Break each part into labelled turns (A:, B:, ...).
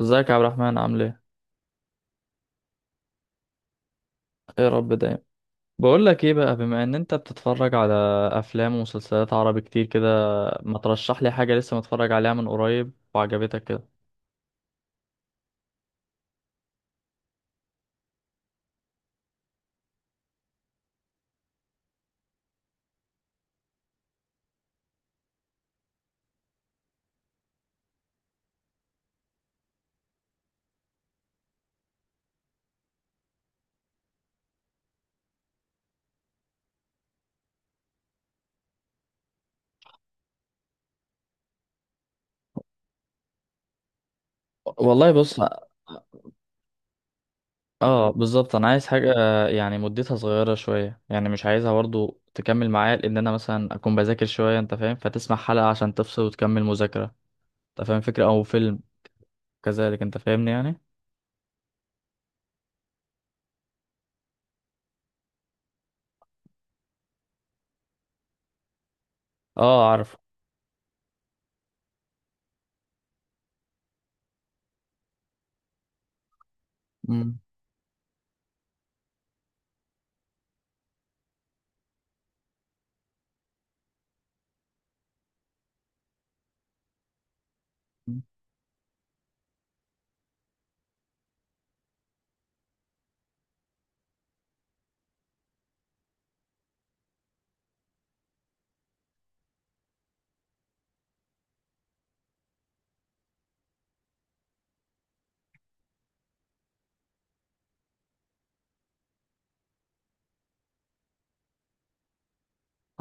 A: ازيك يا عبد الرحمن؟ عامل ايه؟ ايه، رب دايم. بقول لك ايه بقى، بما ان انت بتتفرج على افلام ومسلسلات عربي كتير كده، ما ترشح لي حاجه لسه متفرج عليها من قريب وعجبتك كده؟ والله بص. اه بالظبط، انا عايز حاجه يعني مدتها صغيره شويه، يعني مش عايزها برضو تكمل معايا، لان انا مثلا اكون بذاكر شويه، انت فاهم، فتسمع حلقه عشان تفصل وتكمل مذاكره. انت فاهم، فكره او فيلم، كذلك، انت فاهمني يعني. اه، عارف. مم.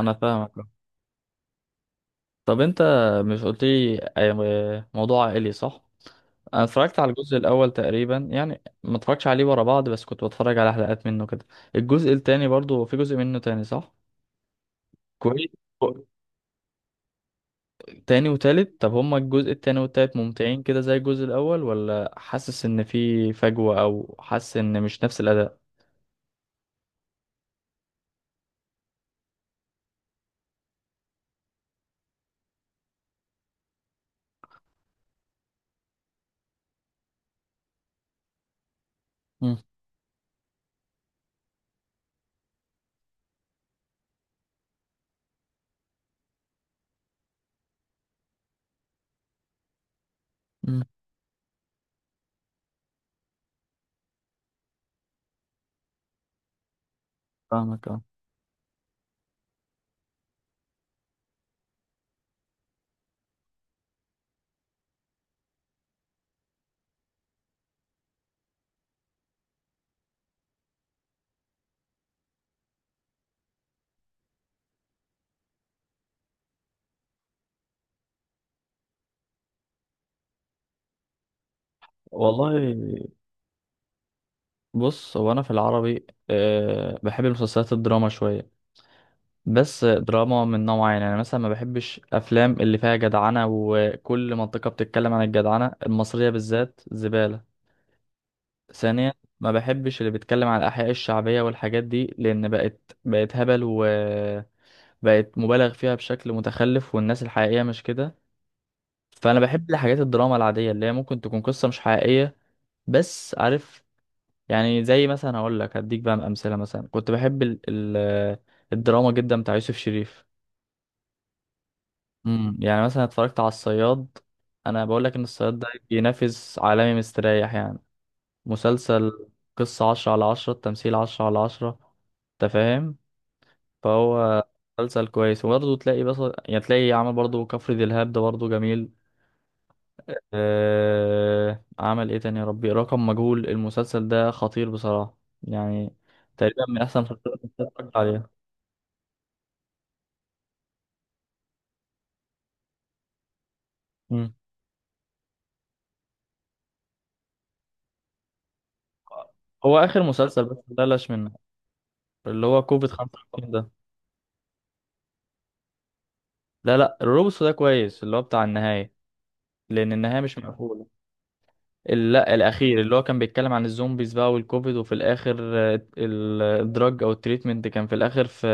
A: انا فاهمك. طب انت مش قلت لي موضوع عائلي، صح؟ انا اتفرجت على الجزء الاول تقريبا، يعني ما اتفرجتش عليه ورا بعض، بس كنت بتفرج على حلقات منه كده. الجزء التاني برضو، في جزء منه تاني، صح؟ كويس. تاني وتالت، طب هما الجزء التاني والتالت ممتعين كده زي الجزء الاول، ولا حاسس ان في فجوة، او حاسس ان مش نفس الاداء؟ مم. مم. فاهمك، اه. والله بص، هو انا في العربي بحب المسلسلات الدراما شوية. بس دراما من نوع، يعني انا مثلا ما بحبش افلام اللي فيها جدعنه، وكل منطقه بتتكلم عن الجدعنه المصريه بالذات، زباله. ثانيا، ما بحبش اللي بيتكلم عن الاحياء الشعبيه والحاجات دي، لان بقت بقت هبل، وبقت مبالغ فيها بشكل متخلف، والناس الحقيقيه مش كده. فانا بحب الحاجات الدراما العاديه، اللي هي ممكن تكون قصه مش حقيقيه، بس عارف يعني. زي مثلا هقول لك، هديك بقى امثله. مثلا كنت بحب ال الدراما جدا بتاع يوسف شريف. يعني مثلا اتفرجت على الصياد. انا بقول لك ان الصياد ده بينافس عالمي مستريح يعني. مسلسل قصة 10/10، التمثيل 10/10، انت فاهم. فهو مسلسل كويس، وبرضه تلاقي، بس يعني تلاقي عمل، برضه كفر دلهاب ده برضه جميل. عمل ايه تاني؟ يا ربي، رقم مجهول. المسلسل ده خطير بصراحة يعني، تقريبا من احسن المسلسلات اللي اتفرجت عليها. مم. هو اخر مسلسل بس بلاش منه، اللي هو كوفيد 55 ده. لا، لا، الروبوسو ده كويس، اللي هو بتاع النهاية، لأن النهاية مش مقفولة. لا، الأخير اللي هو كان بيتكلم عن الزومبيز بقى والكوفيد، وفي الآخر الدراج أو التريتمنت، كان في الآخر في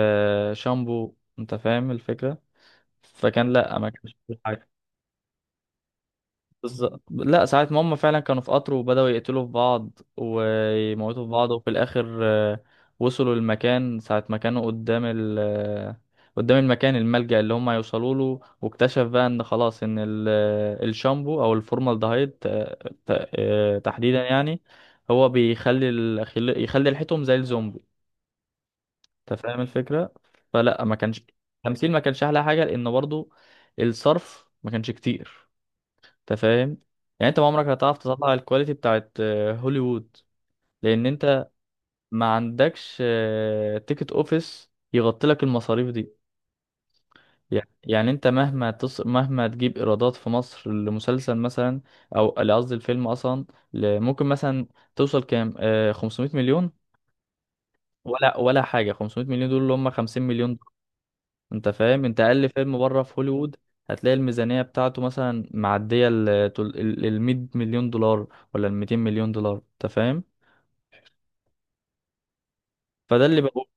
A: شامبو. أنت فاهم الفكرة. فكان، لا، ما كانش في حاجة. بالظبط. لا، ساعة ما هم فعلا كانوا في قطر وبدأوا يقتلوا في بعض ويموتوا في بعض، وفي الآخر وصلوا المكان. ساعة ما كانوا قدام ال آه، قدام المكان الملجأ اللي هم يوصلوا له، واكتشف بقى ان خلاص ان الشامبو او الفورمالدهيد تحديدا يعني، هو بيخلي يخلي ريحتهم زي الزومبي. انت فاهم الفكرة. فلا ما كانش التمثيل، ما كانش احلى حاجة، لان برضو الصرف ما كانش كتير. انت فاهم. يعني انت ما عمرك هتعرف تطلع الكواليتي بتاعت هوليوود، لان انت ما عندكش تيكت اوفيس يغطي لك المصاريف دي. يعني انت مهما تجيب ايرادات في مصر لمسلسل مثلا، او لا، قصدي الفيلم اصلا، ممكن مثلا توصل كام، 500 مليون، ولا ولا حاجه. 500 مليون دول اللي هم 50 مليون. انت فاهم؟ انت اقل فيلم بره في هوليوود هتلاقي الميزانية بتاعته مثلا معدية ال تل- ال ال 100 مليون دولار، ولا ال 200 مليون دولار. انت فاهم. فده اللي بقول،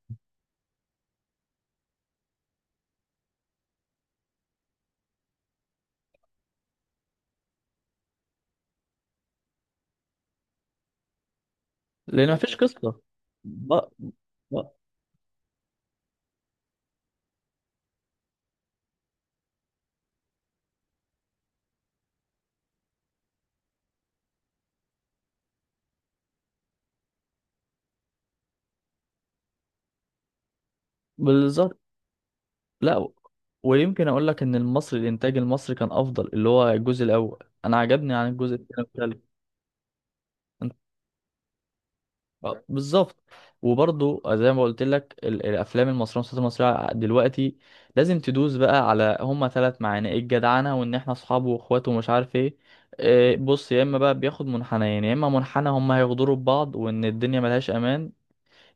A: لان مفيش قصة. ب... ب... بالظبط. لا، ويمكن اقول لك ان المصري، الانتاج المصري كان افضل، اللي هو الجزء الاول انا عجبني عن الجزء الثاني والثالث. آه، بالظبط. وبرضه زي ما قلت لك، الافلام المصريه والمسلسلات المصريه دلوقتي لازم تدوس بقى على هما ثلاث معاني، إيه؟ الجدعنه، وان احنا اصحابه واخواته، ومش عارف ايه. بص، يا اما بقى بياخد منحنيين، يا اما منحنى هما هيغدروا ببعض وان الدنيا ملهاش امان،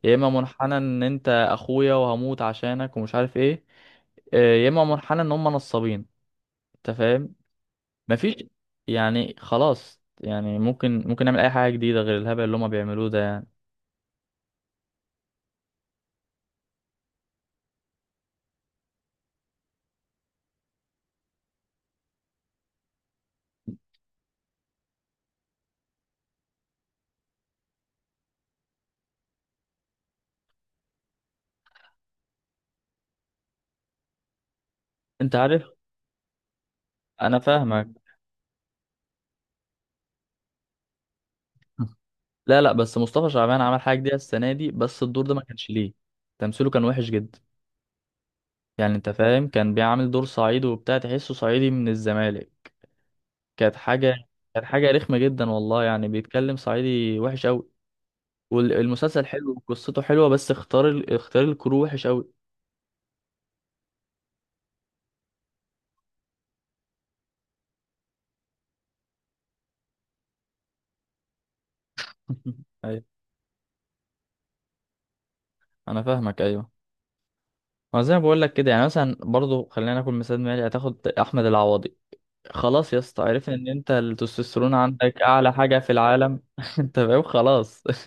A: يا اما منحنى ان انت اخويا وهموت عشانك ومش عارف ايه، يا اما منحنى ان هم نصابين. انت فاهم، مفيش يعني، خلاص يعني. ممكن نعمل اي حاجه جديده غير الهبل اللي هم بيعملوه ده يعني؟ انت عارف. انا فاهمك. لا، لا، بس مصطفى شعبان عمل حاجه جديده السنه دي، بس الدور ده ما كانش ليه. تمثيله كان وحش جدا. يعني انت فاهم، كان بيعمل دور صعيدي وبتاع، تحسه صعيدي من الزمالك. كانت حاجه، كانت حاجه رخمه جدا والله، يعني بيتكلم صعيدي وحش قوي. والمسلسل حلو وقصته حلوه، بس اختار الكرو وحش قوي. ايوه، انا فاهمك، ايوه. ما زي ما بقول لك كده، يعني مثلا برضو خلينا ناخد مثال مالي، هتاخد احمد العوضي. خلاص يا اسطى، عرفنا ان انت التستوستيرون عندك اعلى حاجة في العالم. انت فاهم؟ خلاص.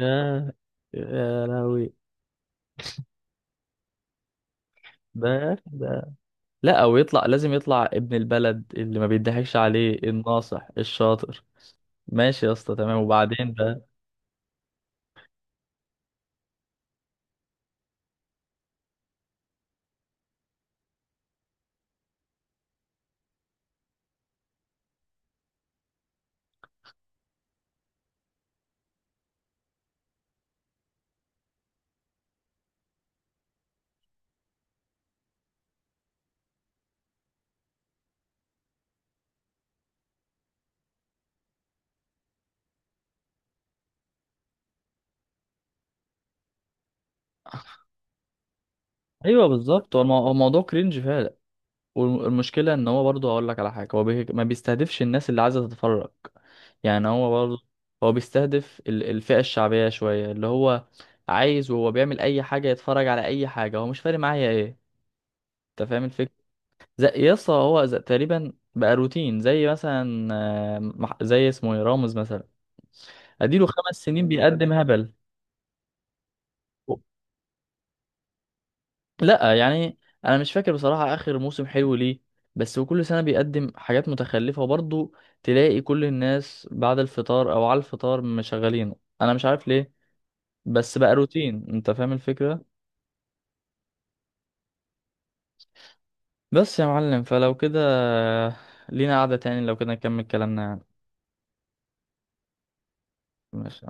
A: يا يا لهوي. ده لا، او يطلع، لازم يطلع ابن البلد اللي ما بيضحكش عليه، الناصح الشاطر. ماشي يا اسطى، تمام، وبعدين ده. ايوه بالظبط، هو الموضوع كرينج فعلا. والمشكله ان هو برضه هقول لك على حاجه، هو ما بيستهدفش الناس اللي عايزه تتفرج. يعني هو برضه هو بيستهدف الفئة الشعبية شوية، اللي هو عايز. وهو بيعمل أي حاجة، يتفرج على أي حاجة، هو مش فارق معايا إيه. أنت فاهم الفكرة. زي يسطا، هو زي تقريبا بقى روتين، زي مثلا، زي اسمه إيه، رامز مثلا. أديله 5 سنين بيقدم هبل. لا يعني، أنا مش فاكر بصراحة آخر موسم حلو ليه. بس هو كل سنة بيقدم حاجات متخلفة، وبرضه تلاقي كل الناس بعد الفطار أو على الفطار مشغلينه. أنا مش عارف ليه، بس بقى روتين، انت فاهم الفكرة. بس يا معلم، فلو كده لينا قعدة تاني، لو كده نكمل كلامنا يعني. ماشي.